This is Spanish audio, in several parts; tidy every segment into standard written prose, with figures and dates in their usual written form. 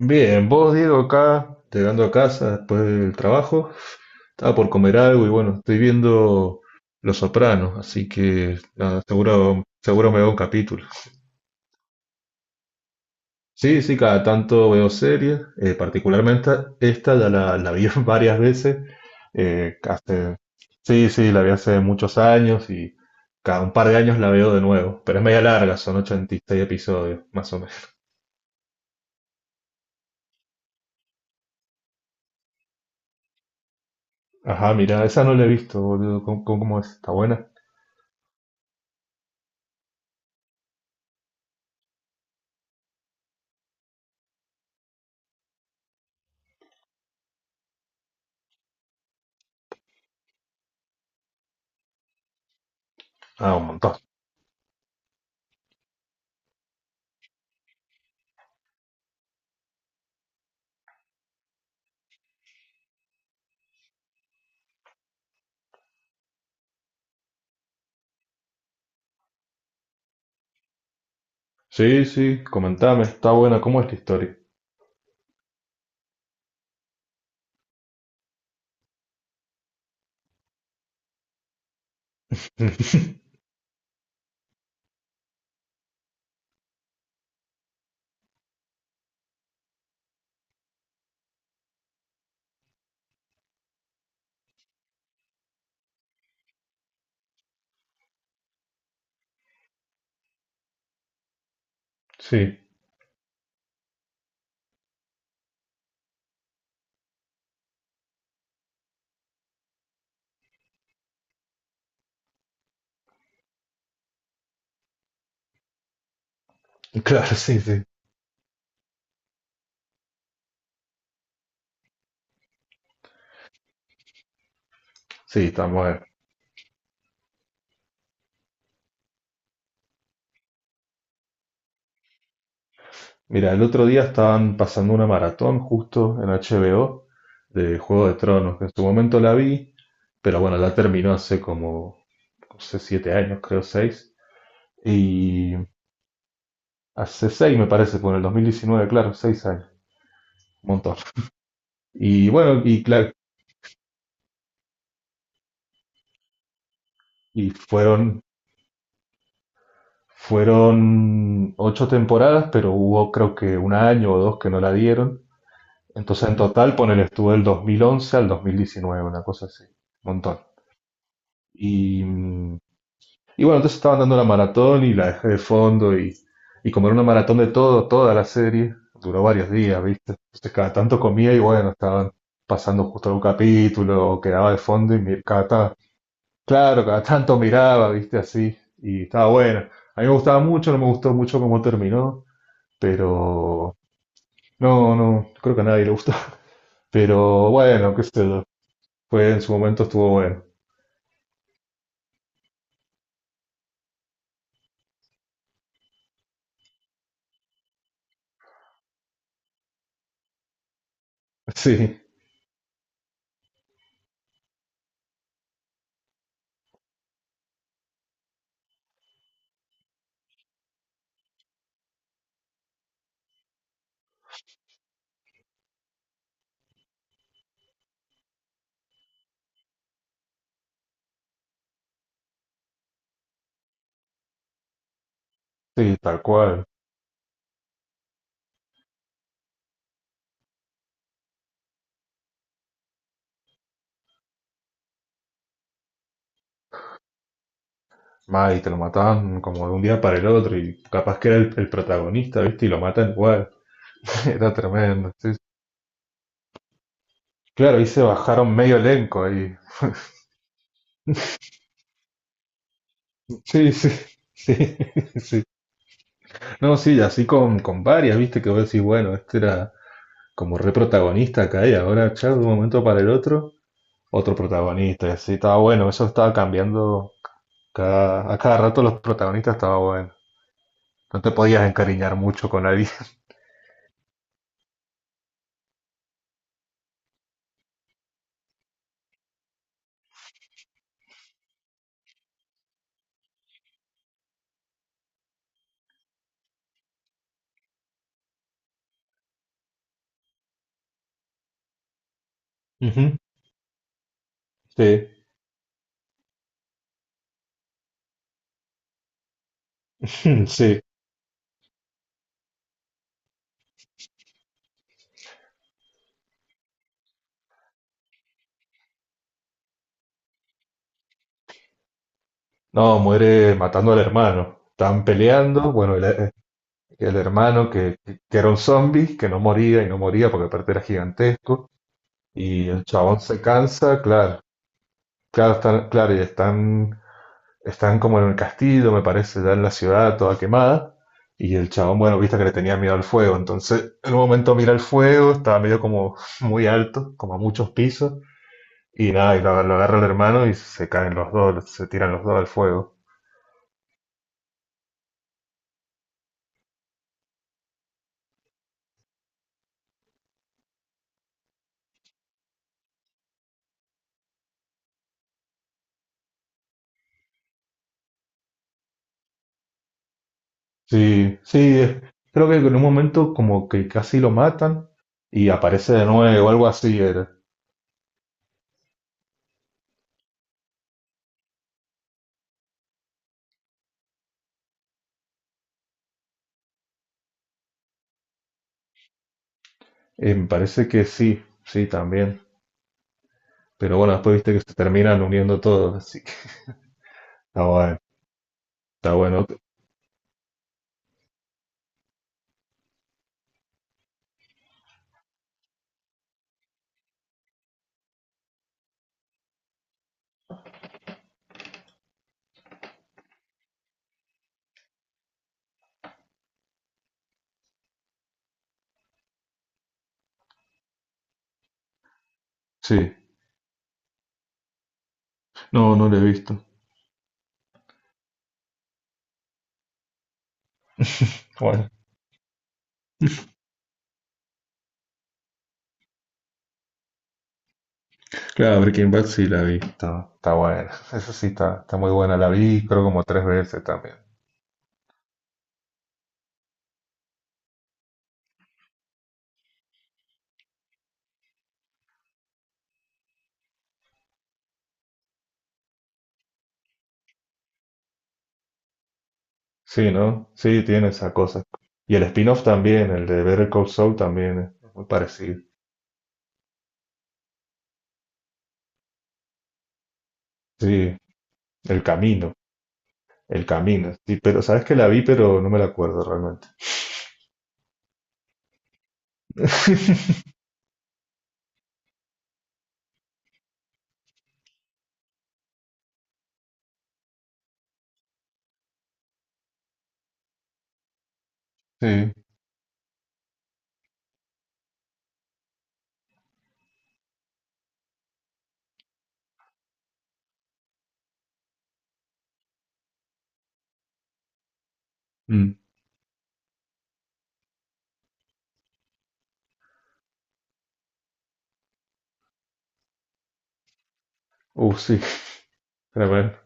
Bien, vos Diego, acá, llegando a casa después del trabajo, estaba por comer algo y bueno, estoy viendo Los Sopranos, así que nada, seguro, seguro me veo un capítulo. Sí, sí, cada tanto veo series, particularmente esta ya la vi varias veces, eh, hace- sí, sí, la vi hace muchos años y cada un par de años la veo de nuevo, pero es media larga, son 86 episodios, más o menos. Ajá, mira, esa no la he visto, boludo, ¿cómo, cómo es? ¿Está buena? Ah, un montón. Sí, sí, comentame, está buena, ¿cómo es la historia? Sí, claro, sí, sí. Sí, está buena. Mira, el otro día estaban pasando una maratón justo en HBO de Juego de Tronos, que en su momento la vi, pero bueno, la terminó hace como, no sé, siete años, creo, seis. Y hace seis, me parece, por el 2019, claro, seis años, un montón. Y bueno, y claro, y fueron ocho temporadas, pero hubo creo que un año o dos que no la dieron. Entonces en total, ponele, estuvo del 2011 al 2019, una cosa así, un montón. Y, y bueno, entonces estaban dando la maratón y la dejé de fondo y como era una maratón de todo, toda la serie, duró varios días, ¿viste? Entonces cada tanto comía y bueno, estaban pasando justo algún capítulo o quedaba de fondo y claro, cada tanto miraba, ¿viste? Así y estaba buena. A mí me gustaba mucho, no me gustó mucho cómo terminó. Pero no, no, creo que a nadie le gustó. Pero bueno, qué sé yo. Fue en su momento, estuvo bueno. Sí, sí, tal cual. Más, y te lo mataban como de un día para el otro y capaz que era el protagonista, ¿viste? Y lo matan igual. Era tremendo, sí. Claro, ahí se bajaron medio elenco ahí. Sí, sí, sí, sí. No, sí, así con varias, ¿viste? Que vos decís, bueno, este era como re protagonista acá y ahora, chao, de un momento para el otro. Otro protagonista, y así estaba bueno, eso estaba cambiando cada, a cada rato los protagonistas, estaba bueno. No te podías encariñar mucho con nadie. Ujú. Sí, sí. No, muere matando al hermano. Están peleando, bueno, el hermano que era un zombie, que no moría y no moría porque aparte era gigantesco, y el chabón se cansa, claro, claro, están, claro, y están como en el castillo, me parece, ya en la ciudad, toda quemada. Y el chabón, bueno, viste que le tenía miedo al fuego. Entonces, en un momento mira el fuego, estaba medio como muy alto, como a muchos pisos. Y nada, y lo agarra el hermano y se caen los dos, se tiran los dos al fuego. Sí, sí, creo que en un momento como que casi lo matan y aparece de nuevo, algo así era. Me parece que sí, sí, también. Pero bueno, después viste que se terminan uniendo todos, así que está bueno, está bueno. Sí. No, no lo he visto. Bueno, claro, Breaking Bad sí la vi, está, está buena. Eso sí, está, está muy buena. La vi, creo, como tres veces también. Sí, ¿no? Sí, tiene esa cosa. Y el spin-off también, el de Better Call Saul también es muy parecido. Sí, El Camino, El Camino. Sí, pero sabes que la vi, pero no me la acuerdo realmente. Sí. Mm. Sí, tremendo.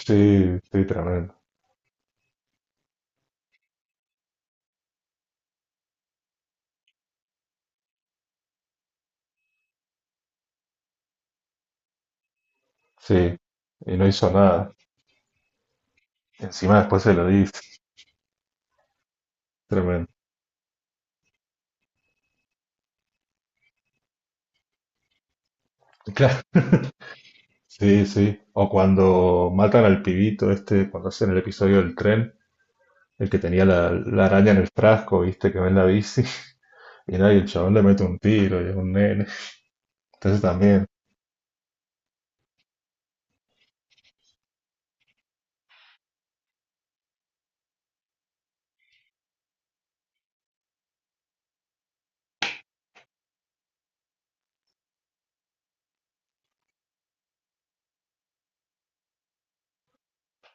Sí, sí, tremendo. Sí, y no hizo nada. Encima después se lo dice. Tremendo, claro. Sí, sí. O cuando matan al pibito este, cuando hacen el episodio del tren, el que tenía la araña en el frasco, viste, que ven la bici. Y nada, y el chabón le mete un tiro y es un nene. Entonces también.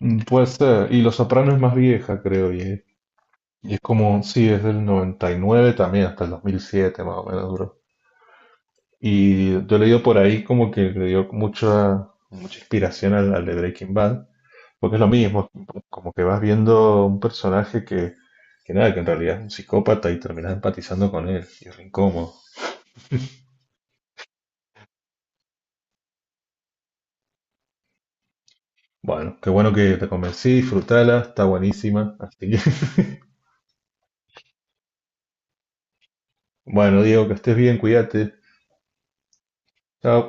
Puede ser. Y Los Soprano es más vieja, creo. Y es como, sí, es del 99 también, hasta el 2007 más o menos duró. Y yo he leído por ahí como que le dio mucha, mucha inspiración al de Breaking Bad. Porque es lo mismo, como que vas viendo un personaje que nada, que en realidad es un psicópata y terminás empatizando con él, y es re incómodo. Bueno, qué bueno que te convencí, disfrutala, está buenísima. Así que, bueno, Diego, que estés bien, cuídate. Chao.